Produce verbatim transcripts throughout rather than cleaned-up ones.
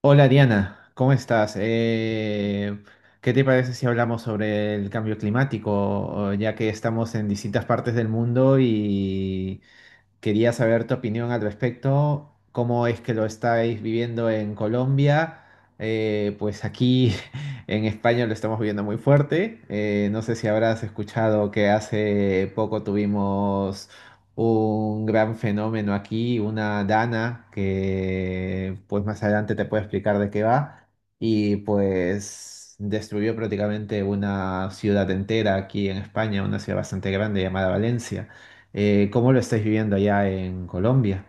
Hola Diana, ¿cómo estás? Eh, ¿qué te parece si hablamos sobre el cambio climático, ya que estamos en distintas partes del mundo y, quería saber tu opinión al respecto, cómo es que lo estáis viviendo en Colombia. Eh, pues aquí en España lo estamos viviendo muy fuerte. Eh, no sé si habrás escuchado que hace poco tuvimos un gran fenómeno aquí, una dana, que pues más adelante te puedo explicar de qué va. Y pues destruyó prácticamente una ciudad entera aquí en España, una ciudad bastante grande llamada Valencia. Eh, ¿cómo lo estáis viviendo allá en Colombia?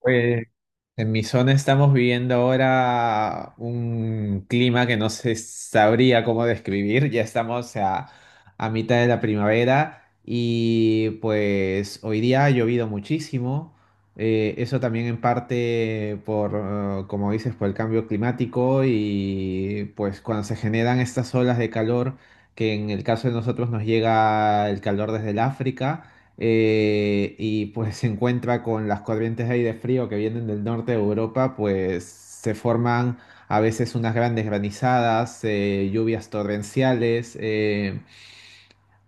Pues en mi zona estamos viviendo ahora un clima que no se sabría cómo describir. Ya estamos a, a mitad de la primavera y pues hoy día ha llovido muchísimo. Eh, eso también en parte por, eh, como dices, por el cambio climático y pues cuando se generan estas olas de calor, que en el caso de nosotros nos llega el calor desde el África, eh, y pues se encuentra con las corrientes de aire frío que vienen del norte de Europa. Pues se forman a veces unas grandes granizadas, eh, lluvias torrenciales. eh,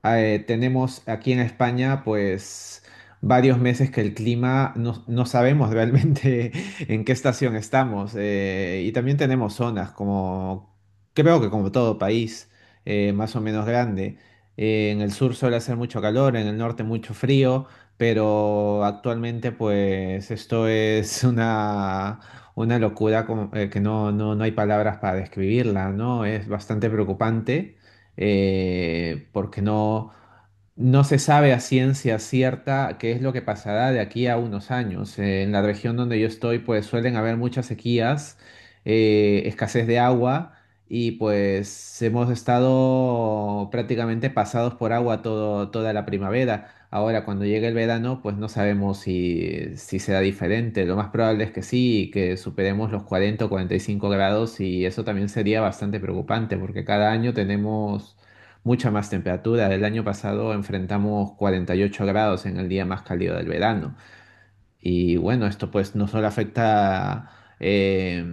eh, Tenemos aquí en España, pues, varios meses que el clima no, no sabemos realmente en qué estación estamos. Eh, y también tenemos zonas como, creo que como todo país, eh, más o menos grande. Eh, en el sur suele hacer mucho calor, en el norte mucho frío, pero actualmente, pues, esto es una una locura como- eh, que no, no, no hay palabras para describirla, ¿no? Es bastante preocupante, eh, porque no, no se sabe a ciencia cierta qué es lo que pasará de aquí a unos años. Eh, en la región donde yo estoy, pues suelen haber muchas sequías, eh, escasez de agua y pues hemos estado prácticamente pasados por agua todo, toda la primavera. Ahora, cuando llegue el verano, pues no sabemos si, si será diferente. Lo más probable es que sí, que superemos los cuarenta o cuarenta y cinco grados y eso también sería bastante preocupante porque cada año tenemos mucha más temperatura. El año pasado enfrentamos cuarenta y ocho grados en el día más cálido del verano. Y bueno, esto pues no solo afecta eh,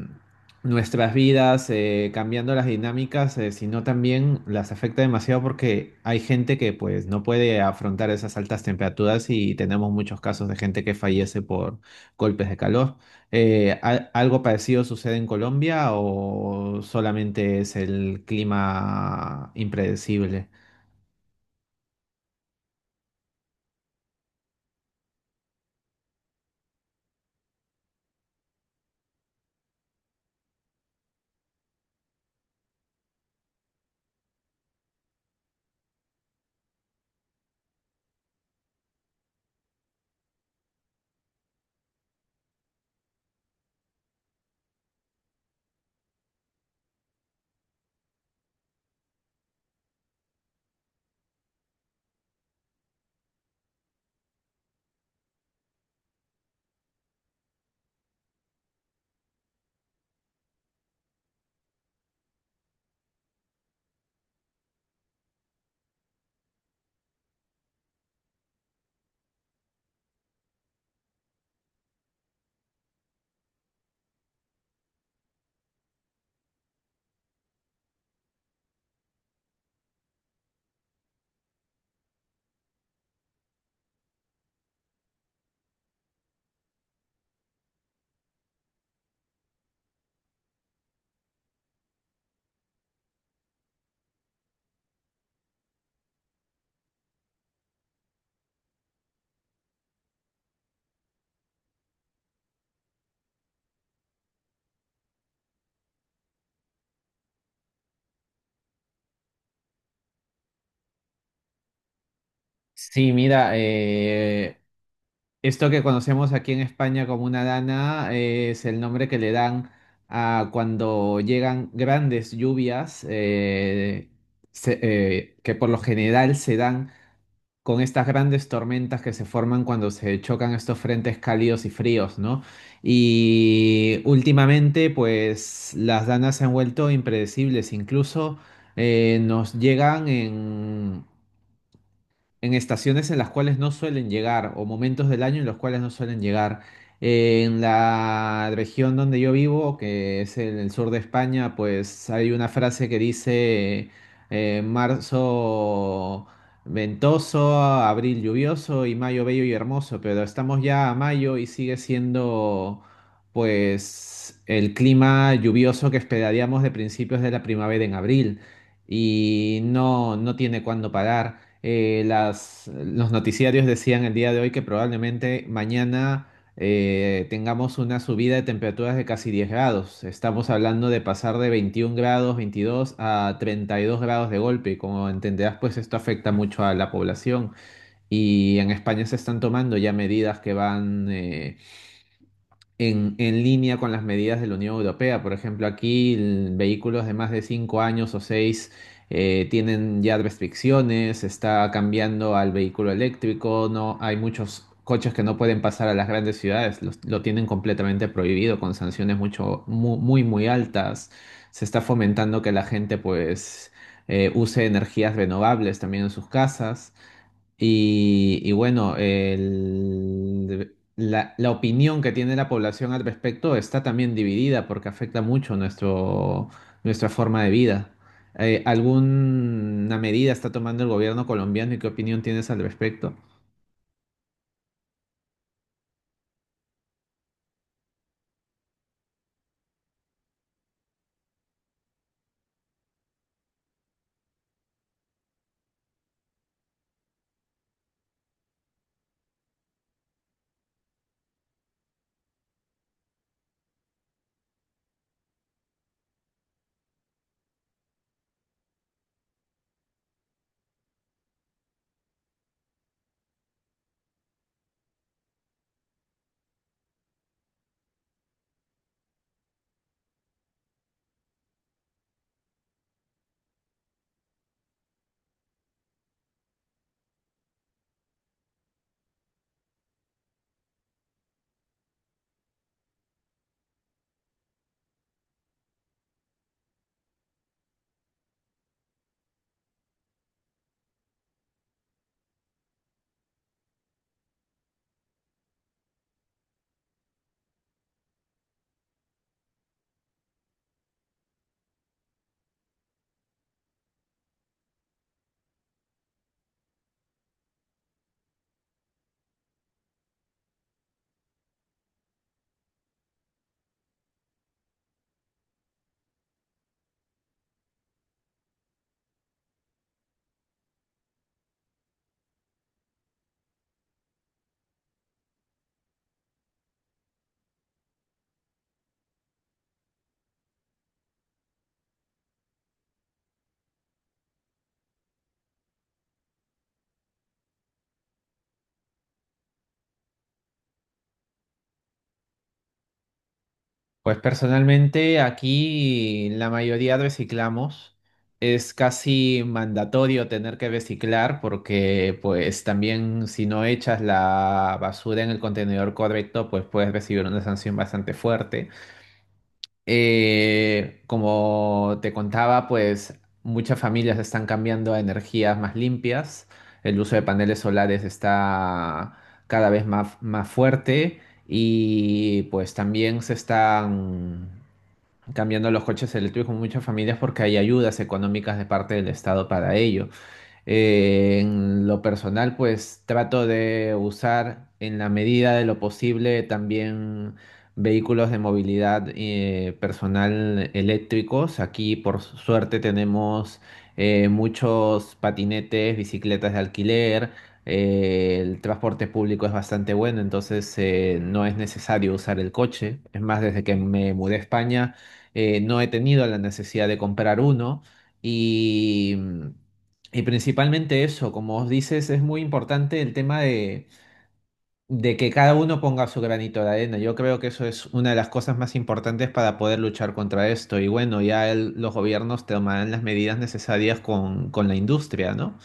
nuestras vidas, eh, cambiando las dinámicas, eh, sino también las afecta demasiado porque hay gente que pues no puede afrontar esas altas temperaturas y tenemos muchos casos de gente que fallece por golpes de calor. Eh, ¿al- ¿algo parecido sucede en Colombia o solamente es el clima impredecible? Sí, mira, eh, esto que conocemos aquí en España como una dana eh, es el nombre que le dan a cuando llegan grandes lluvias, eh, se- eh, que por lo general se dan con estas grandes tormentas que se forman cuando se chocan estos frentes cálidos y fríos, ¿no? Y últimamente, pues las danas se han vuelto impredecibles, incluso eh, nos llegan en estaciones en las cuales no suelen llegar o momentos del año en los cuales no suelen llegar. En la región donde yo vivo, que es en el sur de España, pues hay una frase que dice, eh, marzo ventoso, abril lluvioso y mayo bello y hermoso, pero estamos ya a mayo y sigue siendo pues el clima lluvioso que esperaríamos de principios de la primavera en abril y no, no tiene cuándo parar. Eh, las, los noticiarios decían el día de hoy que probablemente mañana eh, tengamos una subida de temperaturas de casi diez grados. Estamos hablando de pasar de veintiún grados, veintidós a treinta y dos grados de golpe. Y como entenderás, pues esto afecta mucho a la población. Y en España se están tomando ya medidas que van... eh, en, en línea con las medidas de la Unión Europea. Por ejemplo, aquí el- vehículos de más de cinco años o seis tienen ya restricciones, está cambiando al vehículo eléctrico, no hay muchos coches que no pueden pasar a las grandes ciudades, los- lo tienen completamente prohibido con sanciones mucho, mu- muy, muy, altas. Se está fomentando que la gente pues eh, use energías renovables también en sus casas. Y, y bueno, el- la, la opinión que tiene la población al respecto está también dividida porque afecta mucho nuestro, nuestra forma de vida. Eh, ¿alguna medida está tomando el gobierno colombiano y qué opinión tienes al respecto? Pues personalmente aquí la mayoría reciclamos. Es casi mandatorio tener que reciclar porque pues también si no echas la basura en el contenedor correcto pues puedes recibir una sanción bastante fuerte. Eh, como te contaba, pues muchas familias están cambiando a energías más limpias. El uso de paneles solares está cada vez más, más fuerte y pues también se están cambiando los coches eléctricos con muchas familias porque hay ayudas económicas de parte del Estado para ello. Eh, en lo personal, pues trato de usar en la medida de lo posible también vehículos de movilidad eh, personal eléctricos. Aquí, por suerte, tenemos eh, muchos patinetes, bicicletas de alquiler. Eh, el transporte público es bastante bueno, entonces eh, no es necesario usar el coche. Es más, desde que me mudé a España, eh, no he tenido la necesidad de comprar uno. Y y principalmente eso, como os dices, es muy importante el tema de, de que cada uno ponga su granito de arena. Yo creo que eso es una de las cosas más importantes para poder luchar contra esto. Y bueno, ya el- los gobiernos tomarán las medidas necesarias con, con la industria, ¿no?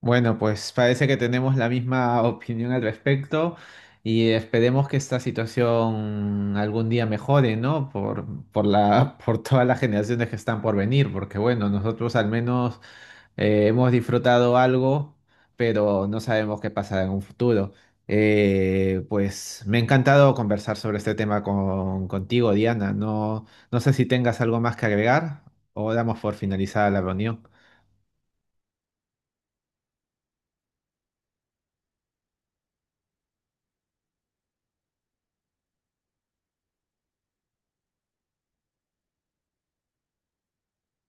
Bueno, pues parece que tenemos la misma opinión al respecto y esperemos que esta situación algún día mejore, ¿no? Por, por la, por todas las generaciones que están por venir, porque bueno, nosotros al menos eh, hemos disfrutado algo, pero no sabemos qué pasará en un futuro. Eh, pues me ha encantado conversar sobre este tema con, contigo, Diana. No, no sé si tengas algo más que agregar o damos por finalizada la reunión.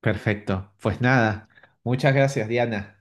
Perfecto. Pues nada, muchas gracias, Diana.